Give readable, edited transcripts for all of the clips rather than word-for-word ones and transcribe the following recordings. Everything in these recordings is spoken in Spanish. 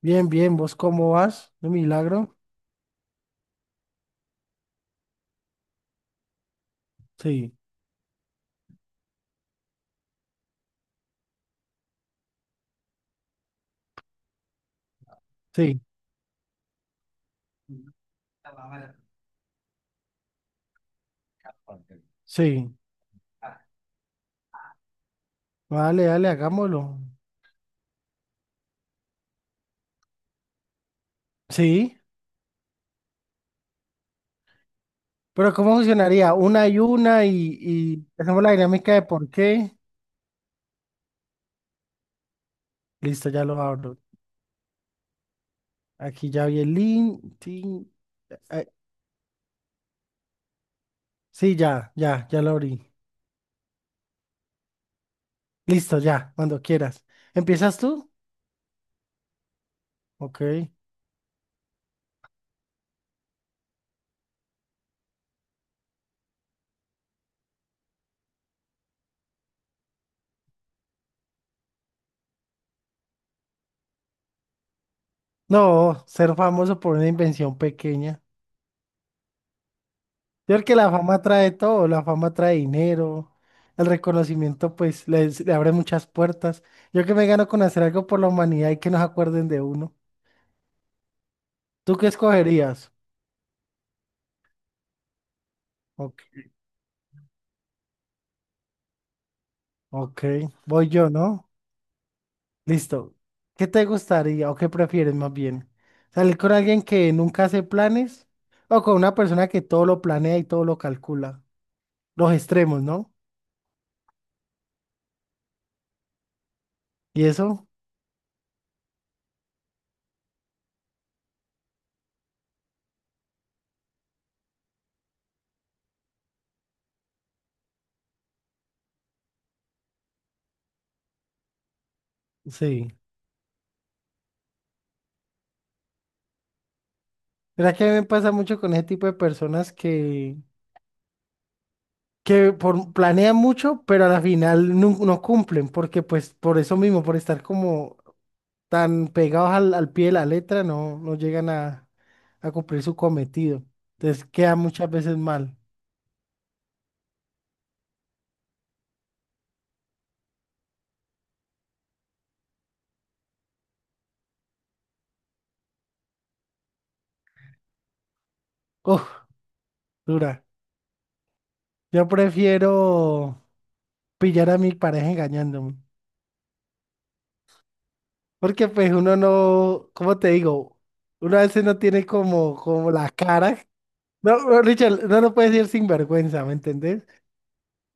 Bien, bien, ¿vos cómo vas? ¿De milagro? Sí, sí, sí. Vale, dale, hagámoslo. Sí, pero ¿cómo funcionaría? Una y hacemos la dinámica de por qué. Listo, ya lo abro. Aquí ya vi el link. Tin, eh, sí, ya lo abrí. Listo, ya, cuando quieras. ¿Empiezas tú? Ok. No, ser famoso por una invención pequeña. Yo creo que la fama trae todo, la fama trae dinero, el reconocimiento pues le abre muchas puertas. Yo que me gano con hacer algo por la humanidad y que nos acuerden de uno. ¿Tú qué escogerías? Ok, ok, voy yo, ¿no? Listo. ¿Qué te gustaría o qué prefieres más bien? ¿Salir con alguien que nunca hace planes o con una persona que todo lo planea y todo lo calcula? Los extremos, ¿no? ¿Y eso? Sí. Mira que a mí me pasa mucho con ese tipo de personas que por, planean mucho, pero a la final no, no cumplen, porque pues por eso mismo, por estar como tan pegados al pie de la letra, no, no llegan a cumplir su cometido. Entonces queda muchas veces mal. Uf, dura. Yo prefiero pillar a mi pareja engañándome, porque pues uno no, ¿cómo te digo? Uno a veces no tiene como, como la cara. No, no, Richard, no lo puedes decir sin vergüenza, ¿me entendés?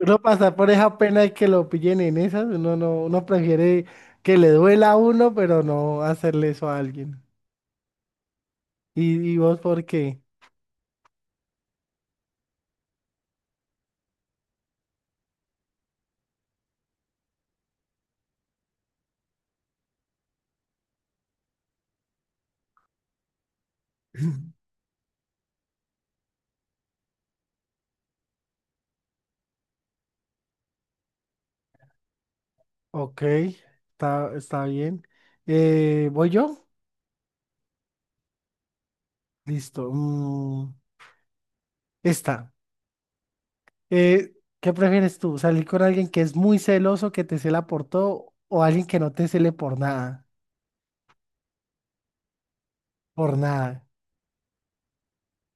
Uno pasa por esa pena de que lo pillen en esas, uno no, uno prefiere que le duela a uno, pero no hacerle eso a alguien. Y vos por qué? Ok, está, está bien. ¿voy yo? Listo. Esta. Eh, ¿qué prefieres tú? ¿Salir con alguien que es muy celoso, que te cela por todo, o alguien que no te cele por nada? Por nada.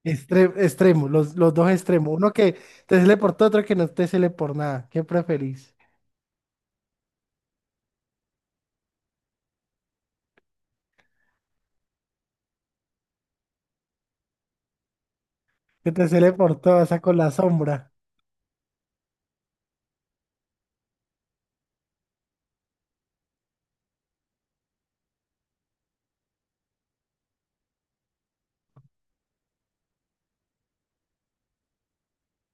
Extremo, los dos extremos. Uno que te cele por todo, otro que no te cele por nada. ¿Qué preferís? Que te cele por todo, o sea, con la sombra.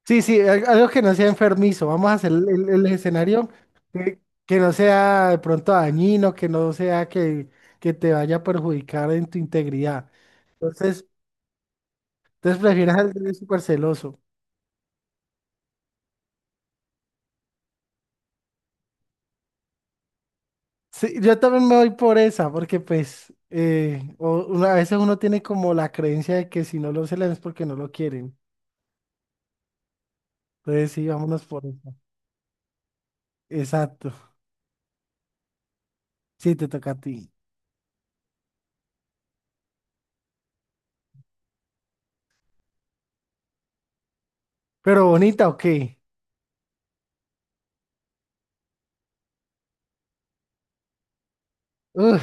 Sí, sí, algo que no sea enfermizo. Vamos a hacer el, el escenario que, que no sea de pronto dañino, que no sea que te vaya a perjudicar en tu integridad. Entonces, entonces prefieres alguien súper celoso. Sí, yo también me voy por esa, porque pues a veces uno tiene como la creencia de que si no lo celan es porque no lo quieren. Entonces sí, vámonos por esa. Exacto. Sí, te toca a ti. Pero bonita, ¿o qué? Uf,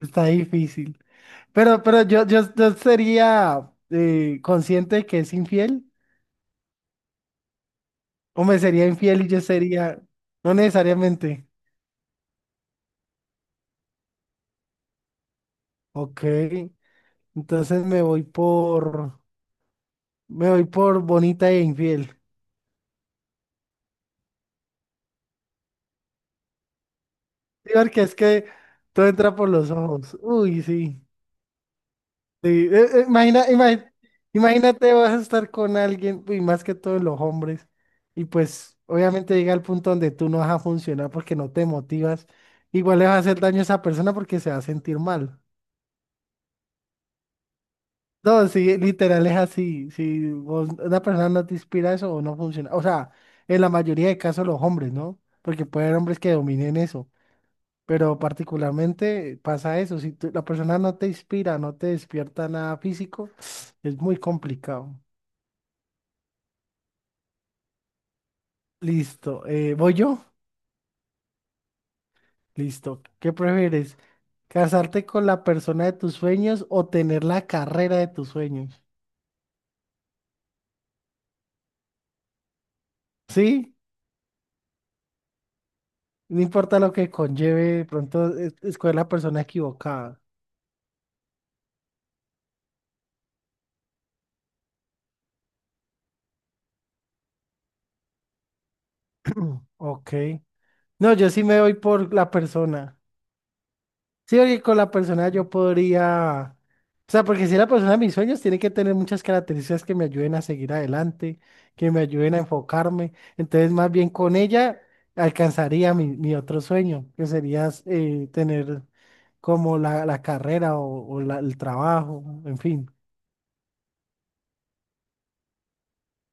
está difícil. Pero yo, yo, yo sería consciente de que es infiel, o me sería infiel y yo sería, no necesariamente. Ok, entonces me voy por bonita e infiel. Sí, porque es que todo entra por los ojos. Uy, sí. Sí. Imagínate, vas a estar con alguien, y más que todos los hombres, y pues obviamente llega el punto donde tú no vas a funcionar porque no te motivas. Igual le vas a hacer daño a esa persona porque se va a sentir mal. No, sí, literal es así. Si una persona no te inspira eso o no funciona. O sea, en la mayoría de casos los hombres, ¿no? Porque puede haber hombres que dominen eso. Pero particularmente pasa eso. Si la persona no te inspira, no te despierta nada físico, es muy complicado. Listo. ¿voy yo? Listo. ¿Qué prefieres? ¿Casarte con la persona de tus sueños o tener la carrera de tus sueños? Sí, no importa lo que conlleve, de pronto escoger la persona equivocada. Mm, ok. No, yo sí me voy por la persona. Sí, porque con la persona yo podría. O sea, porque si la persona de mis sueños tiene que tener muchas características que me ayuden a seguir adelante, que me ayuden a enfocarme. Entonces, más bien con ella alcanzaría mi, mi otro sueño, que sería tener como la carrera o el trabajo, en fin.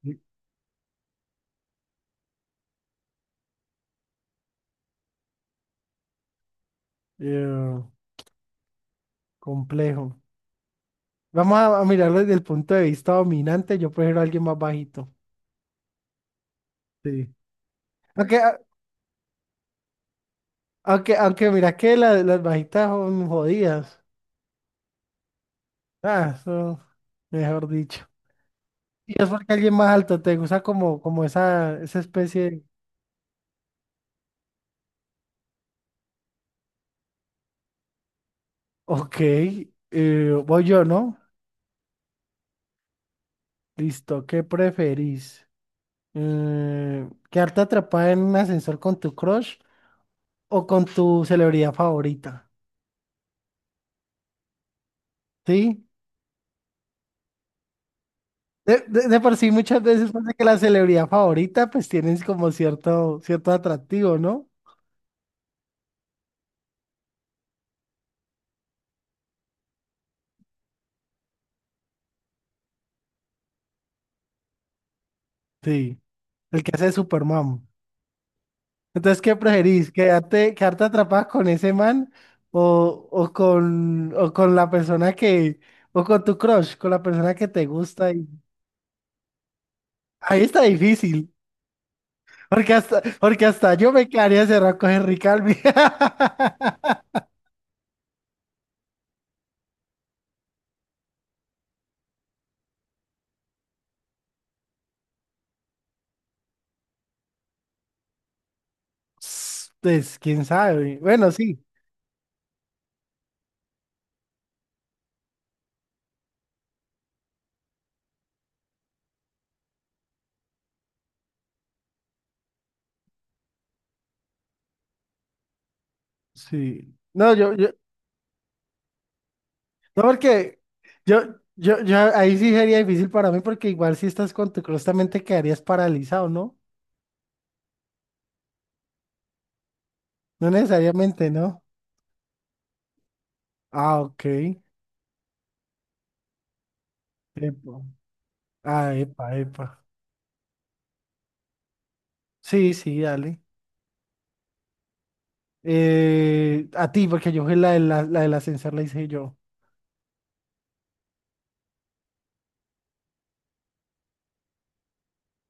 Eh, eh, complejo. Vamos a mirarlo desde el punto de vista dominante. Yo prefiero a alguien más bajito. Sí. Aunque, ah, aunque, aunque mira que las bajitas son jodidas. Ah, eso, mejor dicho. Y es porque alguien más alto te gusta como, como esa especie de- Ok, voy yo, ¿no? Listo, ¿qué preferís? ¿quedarte atrapada en un ascensor con tu crush o con tu celebridad favorita? ¿Sí? De por sí muchas veces pasa que la celebridad favorita pues tienes como cierto, cierto atractivo, ¿no? Sí, el que hace de Superman. Entonces, ¿qué preferís? ¿Quedarte, quedarte atrapada con ese man o con la persona que, o con tu crush, con la persona que te gusta? Y... Ahí está difícil, porque hasta yo me quedaría cerrado con Henry Calvi. Pues, quién sabe. Bueno, sí, sí. No, yo, no, porque yo, yo, ahí sí sería difícil para mí, porque igual si estás con tu crush también te quedarías paralizado, ¿no? No necesariamente, ¿no? Ah, ok. Epa. Ah, epa, epa. Sí, sí, dale. A ti, porque yo fui la, de la, la del ascensor, la hice yo.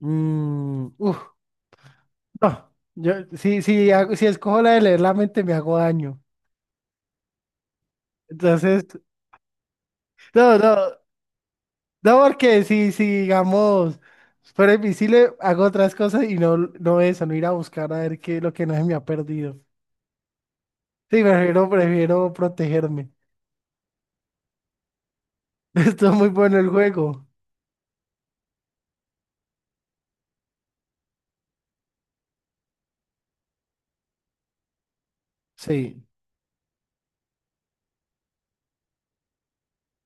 Mm, uf, no. Yo, sí sí si escojo la de leer la mente, me hago daño. Entonces, no, no. No, porque si, si digamos, fuera invisible, hago otras cosas y no, no eso, no ir a buscar a ver qué es lo que no se me ha perdido. Sí, prefiero, prefiero protegerme. Esto es muy bueno el juego. Sí,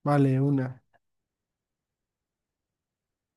vale, una.